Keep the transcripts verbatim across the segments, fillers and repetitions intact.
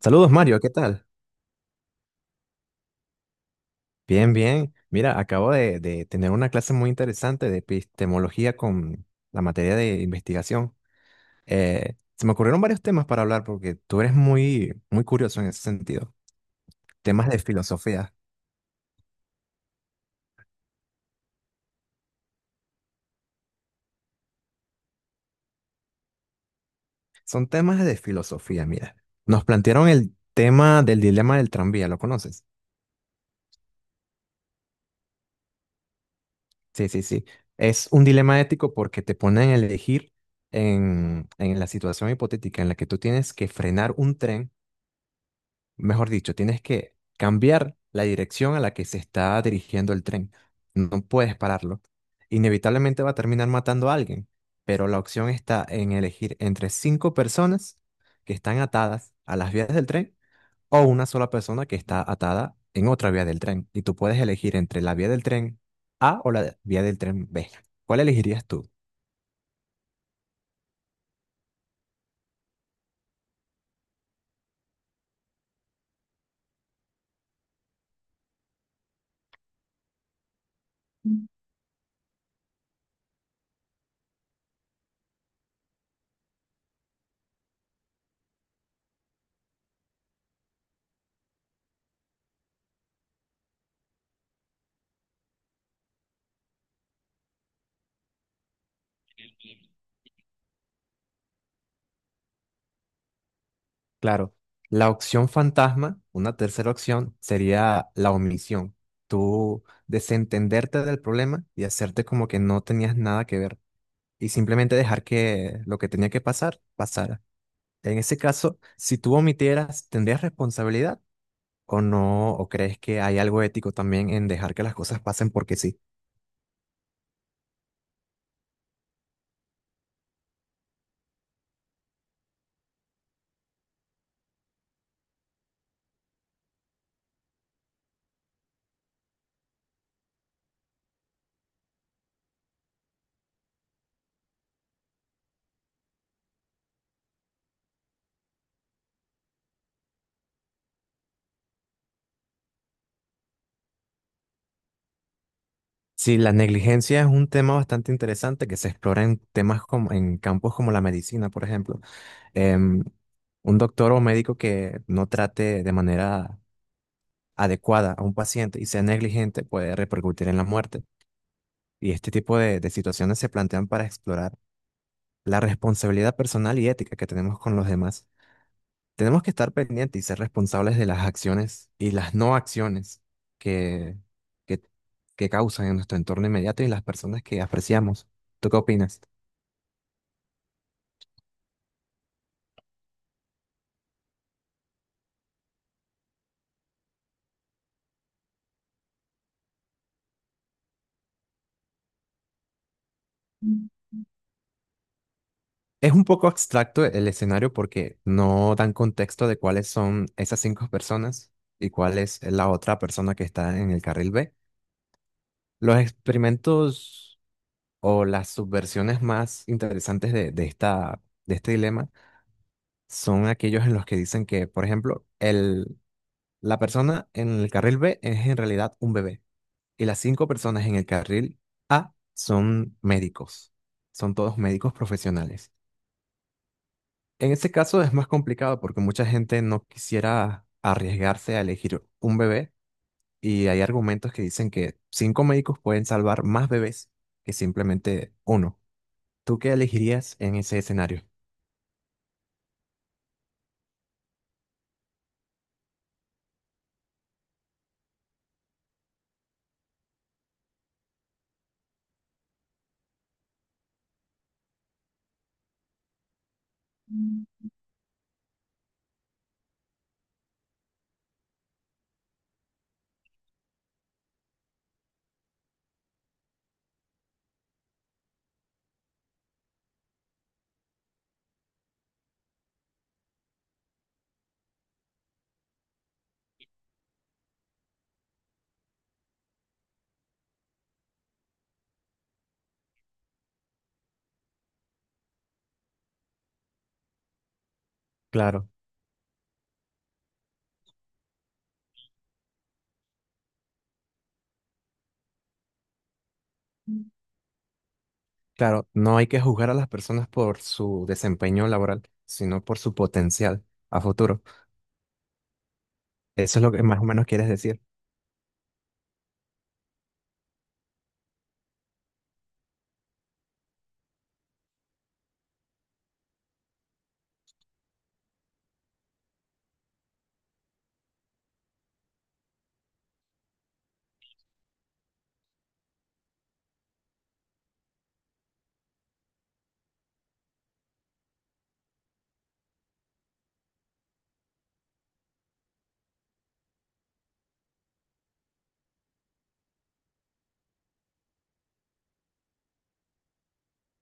Saludos Mario, ¿qué tal? Bien, bien. Mira, acabo de, de tener una clase muy interesante de epistemología con la materia de investigación. Eh, se me ocurrieron varios temas para hablar porque tú eres muy, muy curioso en ese sentido. Temas de filosofía. Son temas de filosofía, mira. Nos plantearon el tema del dilema del tranvía, ¿lo conoces? Sí, sí, sí. Es un dilema ético porque te ponen a elegir en, en la situación hipotética en la que tú tienes que frenar un tren. Mejor dicho, tienes que cambiar la dirección a la que se está dirigiendo el tren. No puedes pararlo. Inevitablemente va a terminar matando a alguien, pero la opción está en elegir entre cinco personas que están atadas a las vías del tren o una sola persona que está atada en otra vía del tren. Y tú puedes elegir entre la vía del tren A o la vía del tren B. ¿Cuál elegirías tú? Claro, la opción fantasma, una tercera opción, sería la omisión. Tú desentenderte del problema y hacerte como que no tenías nada que ver y simplemente dejar que lo que tenía que pasar, pasara. En ese caso, si tú omitieras, ¿tendrías responsabilidad o no? ¿O crees que hay algo ético también en dejar que las cosas pasen porque sí? Sí, la negligencia es un tema bastante interesante que se explora en temas como en campos como la medicina, por ejemplo. em, un doctor o médico que no trate de manera adecuada a un paciente y sea negligente puede repercutir en la muerte. Y este tipo de, de situaciones se plantean para explorar la responsabilidad personal y ética que tenemos con los demás. Tenemos que estar pendientes y ser responsables de las acciones y las no acciones que, que, que causan en nuestro entorno inmediato y en las personas que apreciamos. ¿Tú qué opinas? Es un poco abstracto el escenario porque no dan contexto de cuáles son esas cinco personas y cuál es la otra persona que está en el carril B. Los experimentos o las subversiones más interesantes de, de esta, de este dilema son aquellos en los que dicen que, por ejemplo, el, la persona en el carril B es en realidad un bebé y las cinco personas en el carril A son médicos, son todos médicos profesionales. En este caso es más complicado porque mucha gente no quisiera arriesgarse a elegir un bebé y hay argumentos que dicen que cinco médicos pueden salvar más bebés que simplemente uno. ¿Tú qué elegirías en ese escenario? Mm. Claro, claro, no hay que juzgar a las personas por su desempeño laboral, sino por su potencial a futuro. Eso es lo que más o menos quieres decir.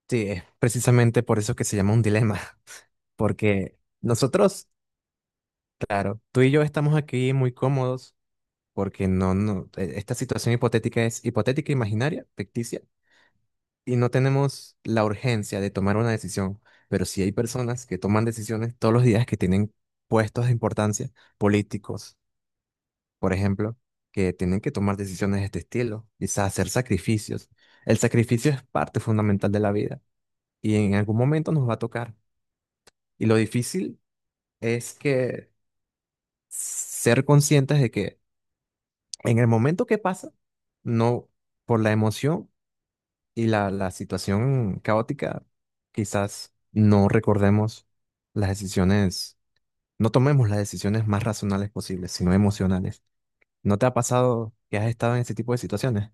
Sí, es precisamente por eso que se llama un dilema, porque nosotros, claro, tú y yo estamos aquí muy cómodos porque no, no, e- esta situación hipotética es hipotética, imaginaria, ficticia, y no tenemos la urgencia de tomar una decisión, pero sí hay personas que toman decisiones todos los días que tienen puestos de importancia, políticos, por ejemplo, que tienen que tomar decisiones de este estilo, quizás hacer sacrificios. El sacrificio es parte fundamental de la vida y en algún momento nos va a tocar. Y lo difícil es que ser conscientes de que en el momento que pasa, no por la emoción, y la, la situación caótica, quizás no recordemos las decisiones, no tomemos las decisiones más racionales posibles, sino emocionales. ¿No te ha pasado que has estado en ese tipo de situaciones?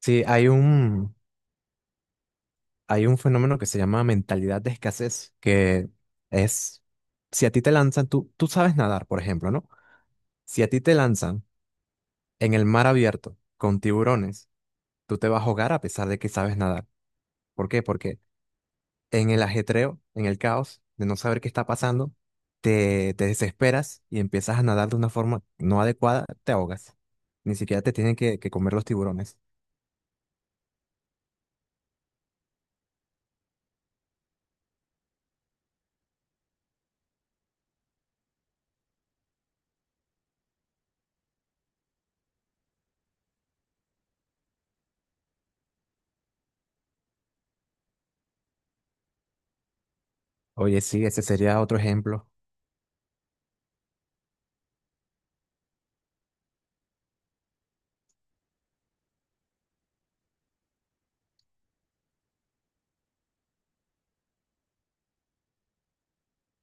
Sí, hay un, hay un fenómeno que se llama mentalidad de escasez, que es, si a ti te lanzan, tú, tú sabes nadar, por ejemplo, ¿no? Si a ti te lanzan en el mar abierto con tiburones, tú te vas a ahogar a pesar de que sabes nadar. ¿Por qué? Porque en el ajetreo, en el caos, de no saber qué está pasando, te, te desesperas y empiezas a nadar de una forma no adecuada, te ahogas. Ni siquiera te tienen que, que comer los tiburones. Oye, sí, ese sería otro ejemplo.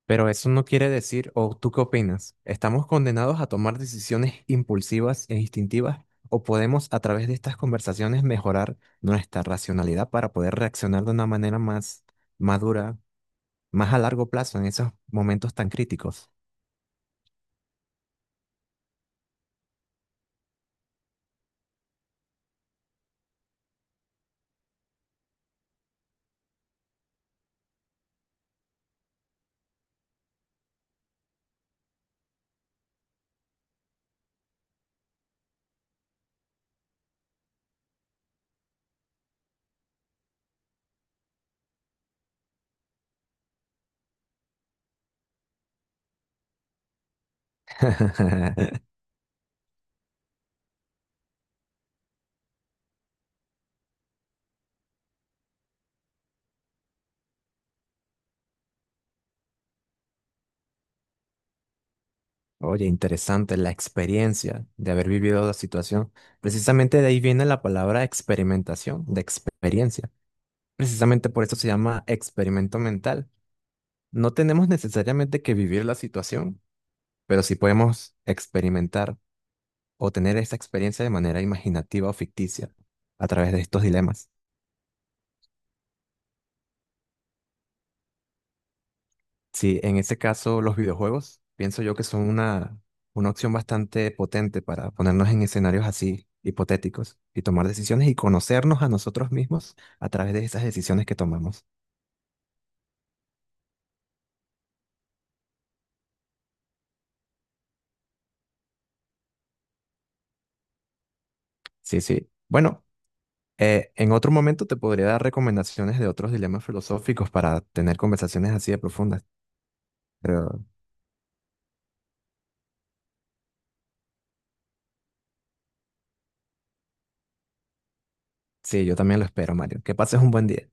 Pero eso no quiere decir, o ¿tú qué opinas? ¿Estamos condenados a tomar decisiones impulsivas e instintivas? ¿O podemos a través de estas conversaciones mejorar nuestra racionalidad para poder reaccionar de una manera más madura, más a largo plazo en esos momentos tan críticos? Oye, interesante la experiencia de haber vivido la situación. Precisamente de ahí viene la palabra experimentación, de experiencia. Precisamente por eso se llama experimento mental. No tenemos necesariamente que vivir la situación, pero sí podemos experimentar o tener esa experiencia de manera imaginativa o ficticia a través de estos dilemas. Sí, en ese caso los videojuegos pienso yo que son una, una opción bastante potente para ponernos en escenarios así hipotéticos y tomar decisiones y conocernos a nosotros mismos a través de esas decisiones que tomamos. Sí, sí. Bueno, eh, en otro momento te podría dar recomendaciones de otros dilemas filosóficos para tener conversaciones así de profundas, pero sí, yo también lo espero, Mario. Que pases un buen día.